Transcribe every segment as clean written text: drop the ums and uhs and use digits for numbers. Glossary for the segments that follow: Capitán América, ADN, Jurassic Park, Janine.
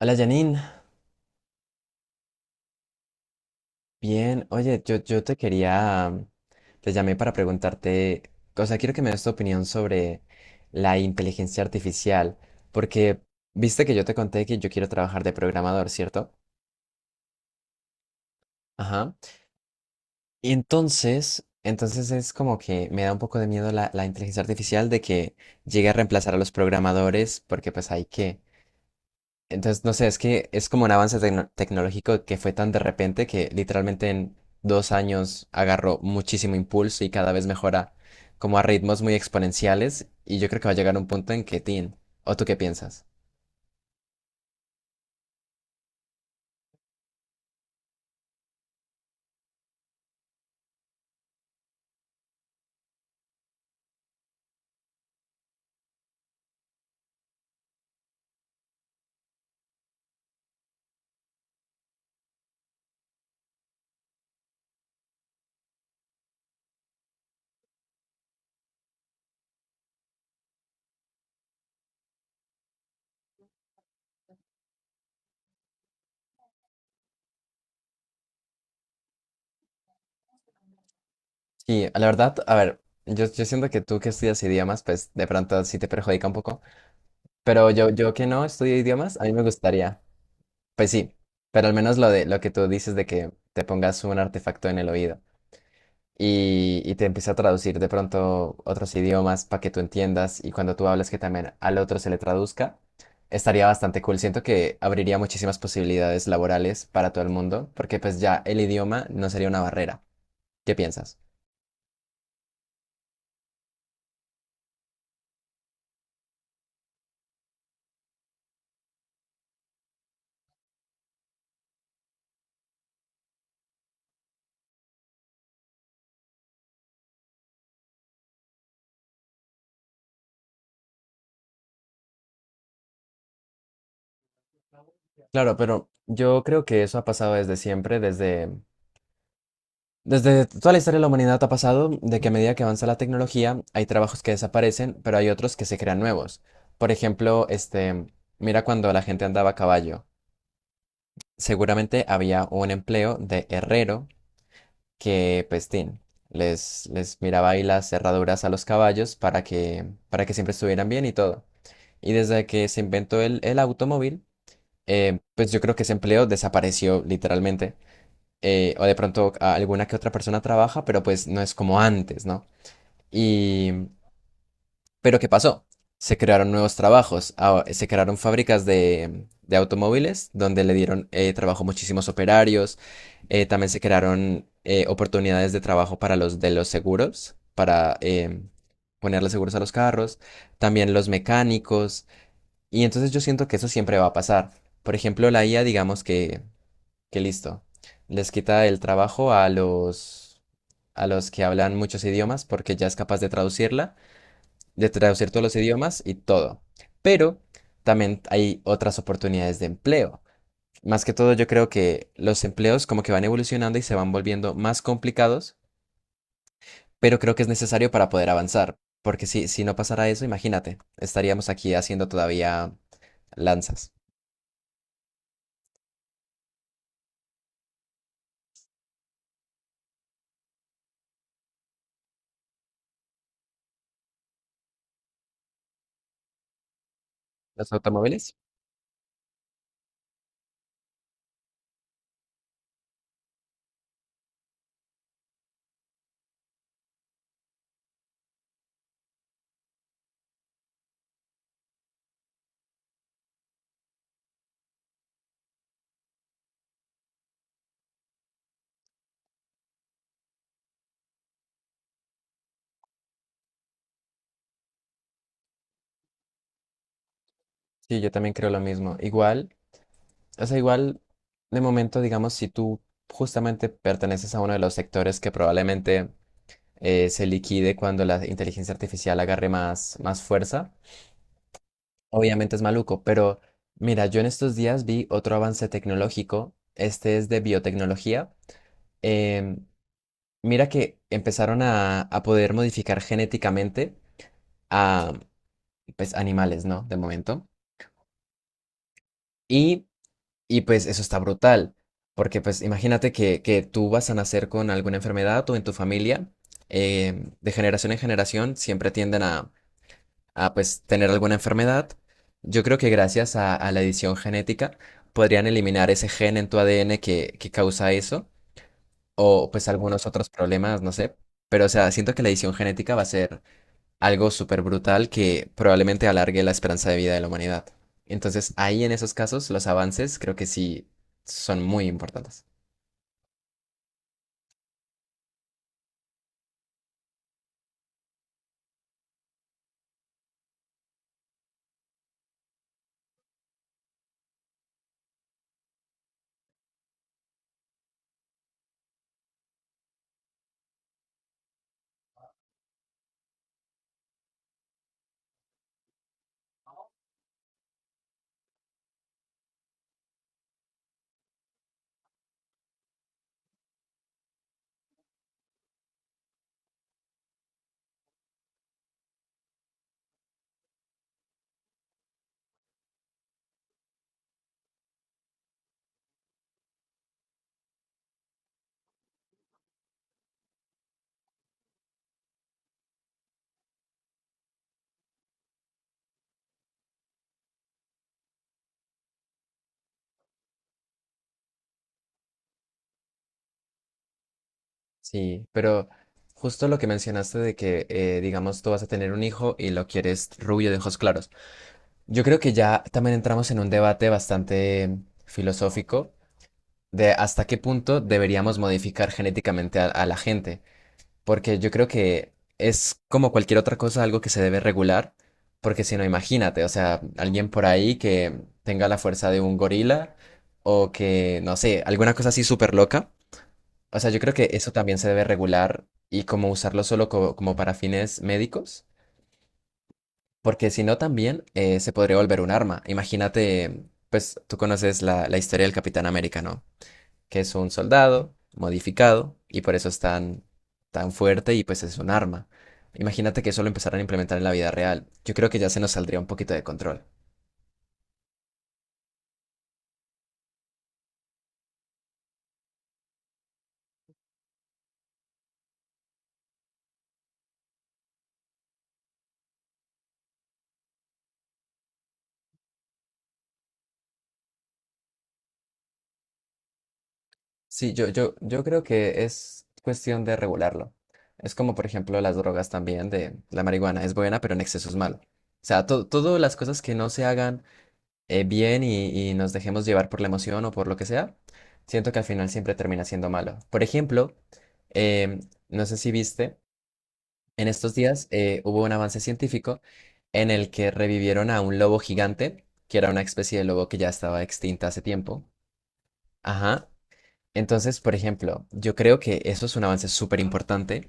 Hola Janine, bien, oye, yo te quería, te llamé para preguntarte, o sea, quiero que me des tu opinión sobre la inteligencia artificial, porque viste que yo te conté que yo quiero trabajar de programador, ¿cierto? Ajá. Y entonces es como que me da un poco de miedo la inteligencia artificial de que llegue a reemplazar a los programadores, porque pues hay que, entonces, no sé, es que es como un avance tecnológico que fue tan de repente que literalmente en 2 años agarró muchísimo impulso y cada vez mejora como a ritmos muy exponenciales y yo creo que va a llegar un punto en que, tin, ¿o tú qué piensas? Sí, la verdad, a ver, yo siento que tú que estudias idiomas, pues de pronto sí te perjudica un poco, pero yo que no estudio idiomas, a mí me gustaría, pues sí, pero al menos lo de lo que tú dices de que te pongas un artefacto en el oído. Y, y te empieza a traducir de pronto otros idiomas para que tú entiendas y cuando tú hablas que también al otro se le traduzca, estaría bastante cool. Siento que abriría muchísimas posibilidades laborales para todo el mundo porque pues ya el idioma no sería una barrera. ¿Qué piensas? Claro, pero yo creo que eso ha pasado desde siempre, desde... Desde toda la historia de la humanidad ha pasado de que a medida que avanza la tecnología hay trabajos que desaparecen, pero hay otros que se crean nuevos. Por ejemplo, este, mira cuando la gente andaba a caballo. Seguramente había un empleo de herrero que, pues, tin, les miraba ahí las cerraduras a los caballos para que siempre estuvieran bien y todo. Y desde que se inventó el automóvil, pues yo creo que ese empleo desapareció literalmente. O de pronto alguna que otra persona trabaja, pero pues no es como antes, ¿no? Y pero ¿qué pasó? Se crearon nuevos trabajos, ah, se crearon fábricas de automóviles donde le dieron trabajo a muchísimos operarios, también se crearon oportunidades de trabajo para los de los seguros, para ponerle seguros a los carros, también los mecánicos, y entonces yo siento que eso siempre va a pasar. Por ejemplo, la IA, digamos que listo, les quita el trabajo a los que hablan muchos idiomas porque ya es capaz de traducirla de traducir todos los idiomas y todo. Pero también hay otras oportunidades de empleo. Más que todo, yo creo que los empleos como que van evolucionando y se van volviendo más complicados, pero creo que es necesario para poder avanzar, porque si, si no pasara eso, imagínate, estaríamos aquí haciendo todavía lanzas. ¿Los automóviles? Sí, yo también creo lo mismo. Igual, o sea, igual, de momento, digamos, si tú justamente perteneces a uno de los sectores que probablemente se liquide cuando la inteligencia artificial agarre más, más fuerza. Obviamente es maluco, pero mira, yo en estos días vi otro avance tecnológico. Este es de biotecnología. Em, mira que empezaron a poder modificar genéticamente a pues, animales, ¿no? De momento. Y, y pues eso está brutal. Porque pues imagínate que tú vas a nacer con alguna enfermedad o en tu familia, em, de generación en generación siempre tienden a pues tener alguna enfermedad. Yo creo que gracias a la edición genética podrían eliminar ese gen en tu ADN que causa eso o pues algunos otros problemas, no sé. Pero o sea, siento que la edición genética va a ser algo súper brutal que probablemente alargue la esperanza de vida de la humanidad. Entonces ahí en esos casos los avances creo que sí son muy importantes. Sí, pero justo lo que mencionaste de que, digamos, tú vas a tener un hijo y lo quieres rubio de ojos claros. Yo creo que ya también entramos en un debate bastante filosófico de hasta qué punto deberíamos modificar genéticamente a la gente, porque yo creo que es como cualquier otra cosa algo que se debe regular, porque si no, imagínate, o sea, alguien por ahí que tenga la fuerza de un gorila o que, no sé, alguna cosa así súper loca. O sea, yo creo que eso también se debe regular y como usarlo solo como para fines médicos. Porque si no, también se podría volver un arma. Imagínate, pues tú conoces la historia del Capitán América, ¿no? Que es un soldado modificado y por eso es tan, tan fuerte y pues es un arma. Imagínate que eso lo empezaran a implementar en la vida real. Yo creo que ya se nos saldría un poquito de control. Sí, yo creo que es cuestión de regularlo. Es como, por ejemplo, las drogas también, de la marihuana es buena, pero en exceso es malo. O sea, todas las cosas que no se hagan bien y nos dejemos llevar por la emoción o por lo que sea, siento que al final siempre termina siendo malo. Por ejemplo, em, no sé si viste, en estos días hubo un avance científico en el que revivieron a un lobo gigante, que era una especie de lobo que ya estaba extinta hace tiempo. Ajá. Entonces, por ejemplo, yo creo que eso es un avance súper importante,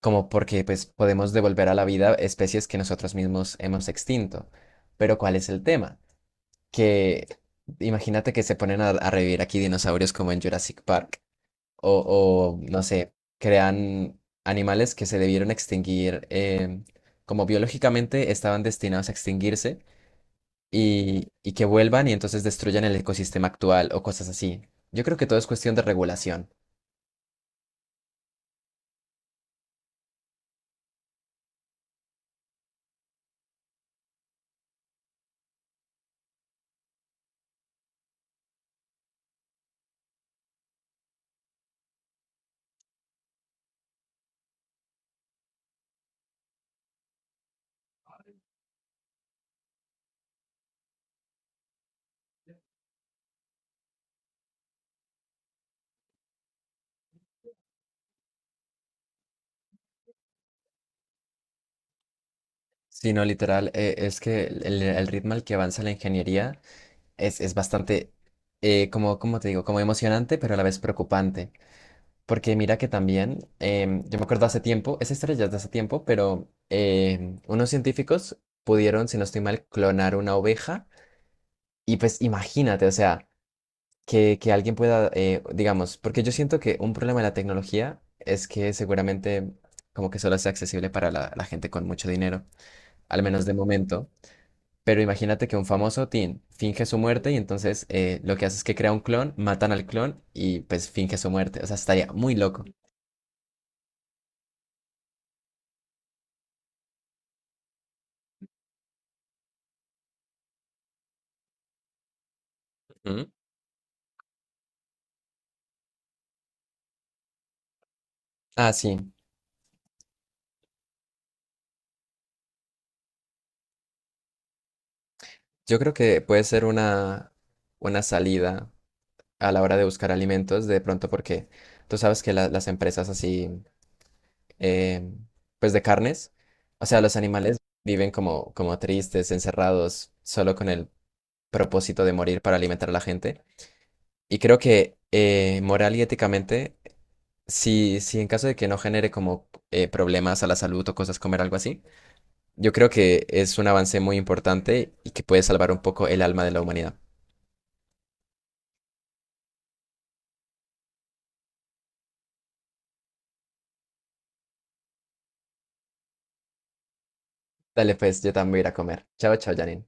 como porque pues podemos devolver a la vida especies que nosotros mismos hemos extinto. Pero ¿cuál es el tema? Que imagínate que se ponen a revivir aquí dinosaurios como en Jurassic Park o, no sé, crean animales que se debieron extinguir, em, como biológicamente estaban destinados a extinguirse y que vuelvan y entonces destruyan el ecosistema actual o cosas así. Yo creo que todo es cuestión de regulación. Sino literal, es que el ritmo al que avanza la ingeniería es bastante, como, como te digo, como emocionante, pero a la vez preocupante. Porque mira que también, em, yo me acuerdo hace tiempo, esa historia ya es de hace tiempo, pero em, unos científicos pudieron, si no estoy mal, clonar una oveja. Y pues imagínate, o sea, que alguien pueda, digamos, porque yo siento que un problema de la tecnología es que seguramente como que solo sea accesible para la gente con mucho dinero, al menos de momento. Pero imagínate que un famoso teen finge su muerte y entonces lo que hace es que crea un clon, matan al clon y pues finge su muerte. O sea, estaría muy loco. Ujú. Ah, sí. Yo creo que puede ser una salida a la hora de buscar alimentos, de pronto porque tú sabes que las empresas así, eh, pues de carnes, o sea, los animales viven como, como tristes, encerrados, solo con el propósito de morir para alimentar a la gente. Y creo que moral y éticamente, si, si en caso de que no genere como problemas a la salud o cosas comer algo así, yo creo que es un avance muy importante y que puede salvar un poco el alma de la humanidad. Dale, pues yo también voy a ir a comer. Chao, chao, Janine.